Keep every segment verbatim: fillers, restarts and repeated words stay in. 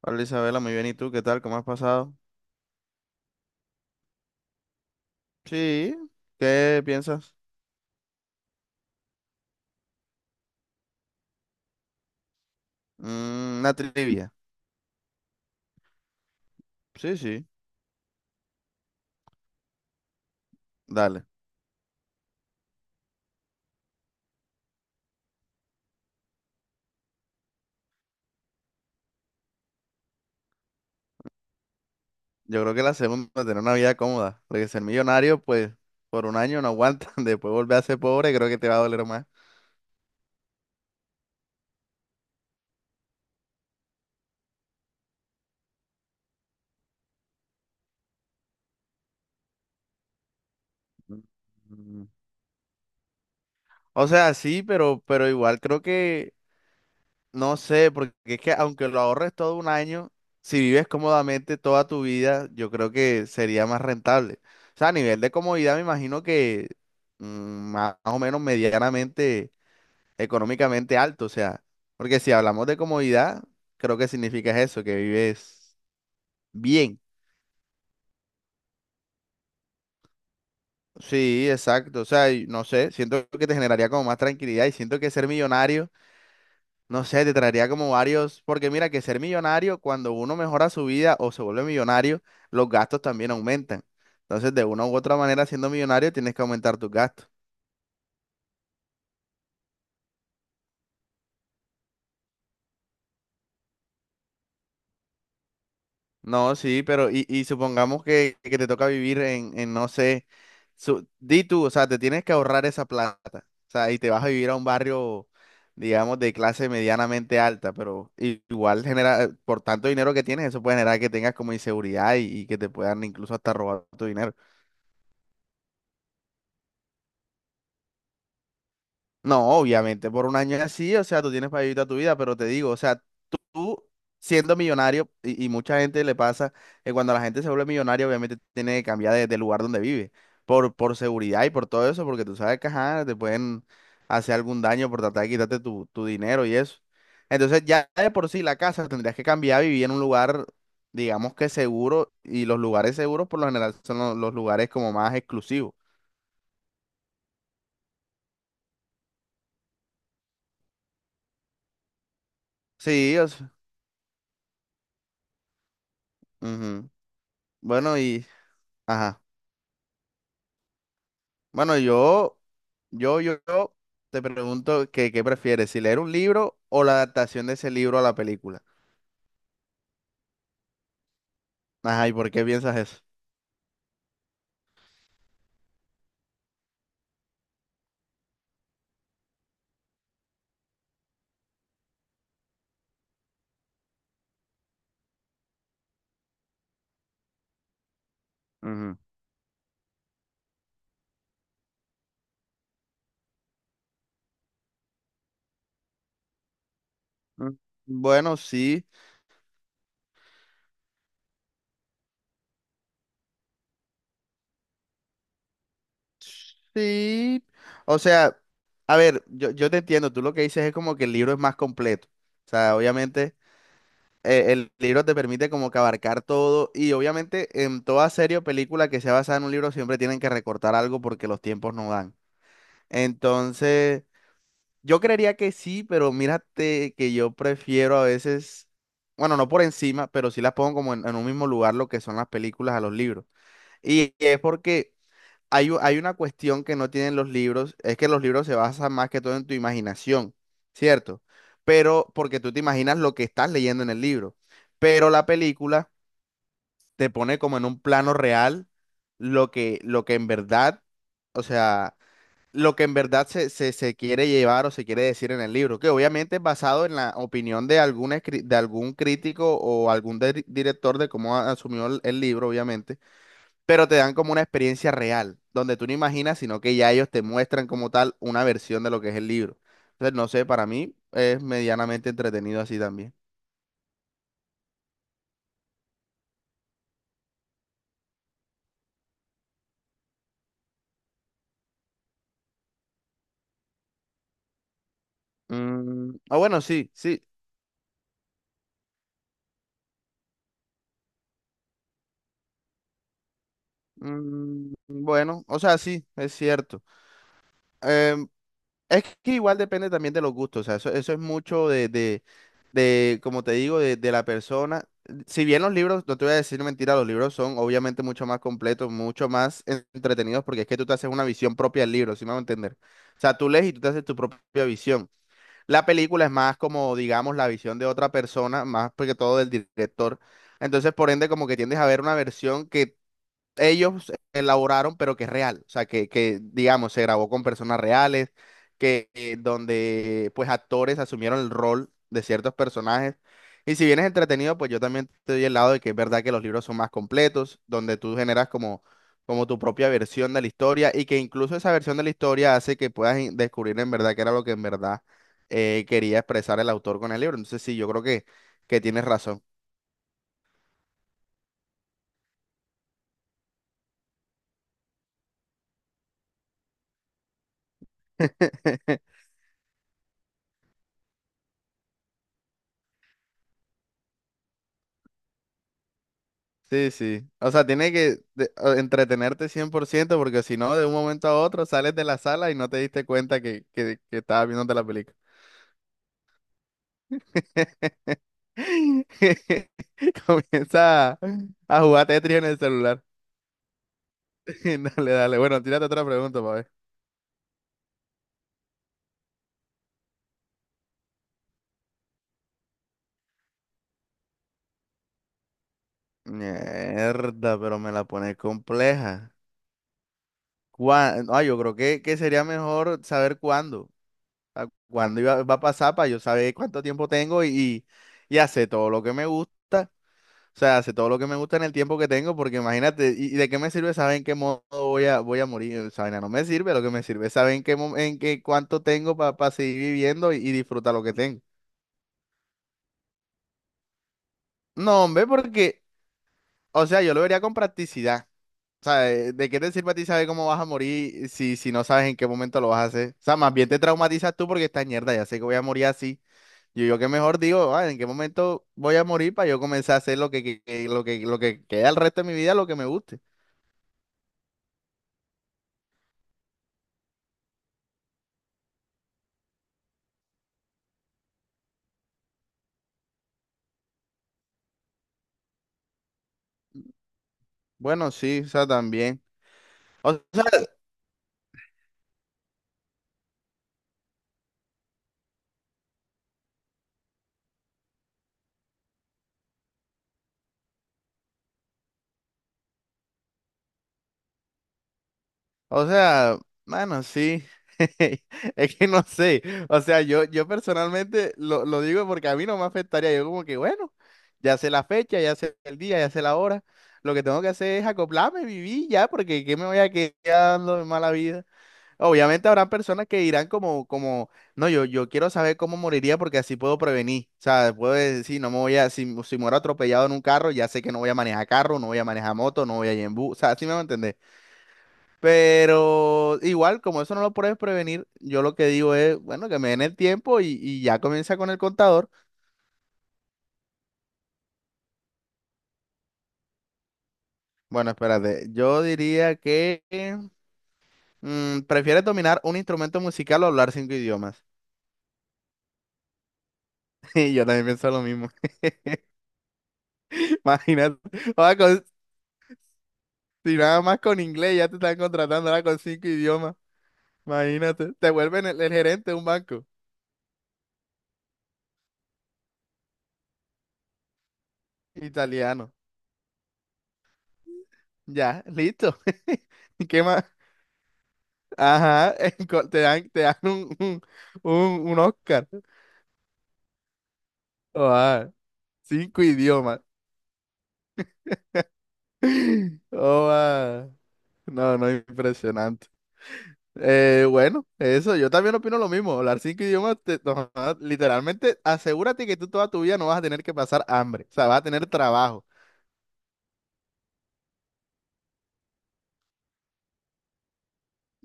Hola Isabela, muy bien. ¿Y tú qué tal? ¿Cómo has pasado? Sí, ¿qué piensas? Mm, una trivia. Sí, sí, dale. Yo creo que la segunda, tener una vida cómoda, porque ser millonario, pues, por un año no aguanta, después volver a ser pobre, creo que te va a doler más. Mm. O sea, sí, pero, pero igual creo que. No sé, porque es que aunque lo ahorres todo un año, si vives cómodamente toda tu vida, yo creo que sería más rentable. O sea, a nivel de comodidad me imagino que mm, más o menos medianamente, económicamente alto. O sea, porque si hablamos de comodidad, creo que significa eso, que vives bien. Sí, exacto. O sea, y no sé, siento que te generaría como más tranquilidad y siento que ser millonario. No sé, te traería como varios, porque mira que ser millonario, cuando uno mejora su vida o se vuelve millonario, los gastos también aumentan. Entonces, de una u otra manera, siendo millonario, tienes que aumentar tus gastos. No, sí, pero y, y supongamos que, que te toca vivir en, en, no sé, su- di tú, o sea, te tienes que ahorrar esa plata. O sea, y te vas a vivir a un barrio, digamos, de clase medianamente alta, pero i- igual genera, eh, por tanto dinero que tienes, eso puede generar que tengas como inseguridad y, y que te puedan incluso hasta robar tu dinero. No, obviamente, por un año es así, o sea, tú tienes para vivir toda tu vida, pero te digo, o sea, tú siendo millonario, y, y mucha gente le pasa que cuando la gente se vuelve millonaria, obviamente tiene que cambiar de, de lugar donde vive, por, por seguridad y por todo eso, porque tú sabes que, ajá, te pueden hacer algún daño por tratar de quitarte tu, tu dinero y eso. Entonces, ya de por sí la casa tendrías que cambiar, vivir en un lugar, digamos que seguro, y los lugares seguros por lo general son los, los lugares como más exclusivos. Sí, o sea, ujú. Bueno, y... Ajá. Bueno, yo, yo, yo, yo te pregunto que qué prefieres, si leer un libro o la adaptación de ese libro a la película. Ajá, ¿y por qué piensas eso? Ujú. Mm, bueno, sí, sí. O sea, a ver, yo, yo te entiendo, tú lo que dices es como que el libro es más completo. O sea, obviamente eh, el libro te permite como que abarcar todo y obviamente en toda serie o película que sea basada en un libro siempre tienen que recortar algo porque los tiempos no dan. Entonces... Yo creería que sí, pero mírate que yo prefiero a veces, bueno, no por encima, pero sí las pongo como en, en un mismo lugar lo que son las películas a los libros. Y es porque hay, u- hay una cuestión que no tienen los libros, es que los libros se basan más que todo en tu imaginación, ¿cierto? Pero porque tú te imaginas lo que estás leyendo en el libro. Pero la película te pone como en un plano real lo que, lo que en verdad, o sea, lo que en verdad se, se, se quiere llevar o se quiere decir en el libro, que obviamente es basado en la opinión de algún, escri- de algún crítico o algún dir- director de cómo a- asumió el, el libro, obviamente, pero te dan como una experiencia real, donde tú no imaginas, sino que ya ellos te muestran como tal una versión de lo que es el libro. Entonces, no sé, para mí es medianamente entretenido así también. Mm, ah, bueno, sí, sí. Mm, bueno, o sea, sí, es cierto. Em, Es que igual depende también de los gustos, o sea, eso, eso es mucho de, de, de, como te digo, de, de la persona. Si bien los libros, no te voy a decir mentira, los libros son obviamente mucho más completos, mucho más en- entretenidos, porque es que tú te haces una visión propia del libro, si me van a entender. O sea, tú lees y tú te haces tu propia visión. La película es más como, digamos, la visión de otra persona, más que todo del director. Entonces, por ende, como que tiendes a ver una versión que ellos elaboraron, pero que es real, o sea, que, que digamos, se grabó con personas reales, que eh, donde pues actores asumieron el rol de ciertos personajes. Y si bien es entretenido, pues yo también te doy el lado de que es verdad que los libros son más completos, donde tú generas como, como tu propia versión de la historia y que incluso esa versión de la historia hace que puedas in- descubrir en verdad qué era lo que en verdad eh, quería expresar el autor con el libro. Entonces sí, yo creo que, que tienes razón. Sí, sí. O sea, tiene que de- o- entretenerte cien por ciento, porque si no, de un momento a otro sales de la sala y no te diste cuenta que, que, que estabas viéndote la película. Comienza a, a jugar Tetris en el celular. Dale, dale. Bueno, tírate otra pregunta, pa' ver. Mierda, pero me la pone compleja. ¿Cuá- Ah, yo creo que, que sería mejor saber cuándo. a- Cuándo iba- va a pasar para yo saber cuánto tiempo tengo y, y hacer todo lo que me gusta. O sea, hace todo lo que me gusta en el tiempo que tengo, porque imagínate, ¿y y de qué me sirve saber en qué modo voy a, voy a morir? Esa vaina no me sirve, lo que me sirve es saber en qué, mo- en qué cuánto tengo para seguir viviendo y, y disfrutar lo que tengo. No, hombre, porque, o sea, yo lo vería con practicidad. O sea, ¿de de qué te sirve a ti saber cómo vas a morir si, si no sabes en qué momento lo vas a hacer? O sea, más bien te traumatizas tú porque estás mierda, ya sé que voy a morir así. Yo, yo que mejor digo, "Ah, ¿en qué momento voy a morir para yo comenzar a hacer lo que, que- que- lo que, lo que queda el resto de mi vida, lo que me guste? Bueno, sí, o sea, también. O sea, o sea, mano, sí. Es que no sé. O sea, yo, yo personalmente lo, lo digo porque a mí no me afectaría. Yo como que, bueno, ya sé la fecha, ya sé el día, ya sé la hora. Lo que tengo que hacer es acoplarme, vivir ya, porque ¿qué me voy a quedar dando de mala vida? Obviamente habrá personas que dirán como, como no, yo, yo quiero saber cómo moriría porque así puedo prevenir. O sea, puedo decir, no me voy a, si, si muero atropellado en un carro, ya sé que no voy a manejar carro, no voy a manejar moto, no voy a ir en bus. O sea, así me va a entender. Pero igual, como eso no lo puedes prevenir, yo lo que digo es, bueno, que me den el tiempo y, y ya comienza con el contador. Bueno, espérate, yo diría que mm, prefieres dominar un instrumento musical o hablar cinco idiomas. Y yo también pienso lo mismo. Imagínate. Si nada más con inglés ya te están contratando ahora con cinco idiomas. Imagínate, te vuelven el, el gerente de un banco italiano. Ya, listo. ¿Qué más? Ajá, co- te dan, te dan un, un, un- un Oscar. Oh, ah, cinco idiomas. Oh, ah. No, no, impresionante. Eh, bueno, eso, yo también opino lo mismo. Hablar cinco idiomas, te- no, ah, literalmente, asegúrate que tú toda tu vida no vas a tener que pasar hambre. O sea, vas a tener trabajo.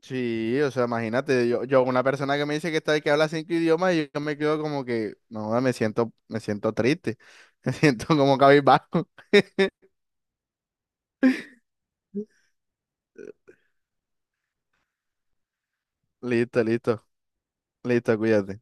Sí, o sea, imagínate, yo, yo una persona que me dice que está que habla cinco idiomas y yo me quedo como que, no, me siento, me siento triste, me siento como cabizbajo. Listo, listo, listo, cuídate.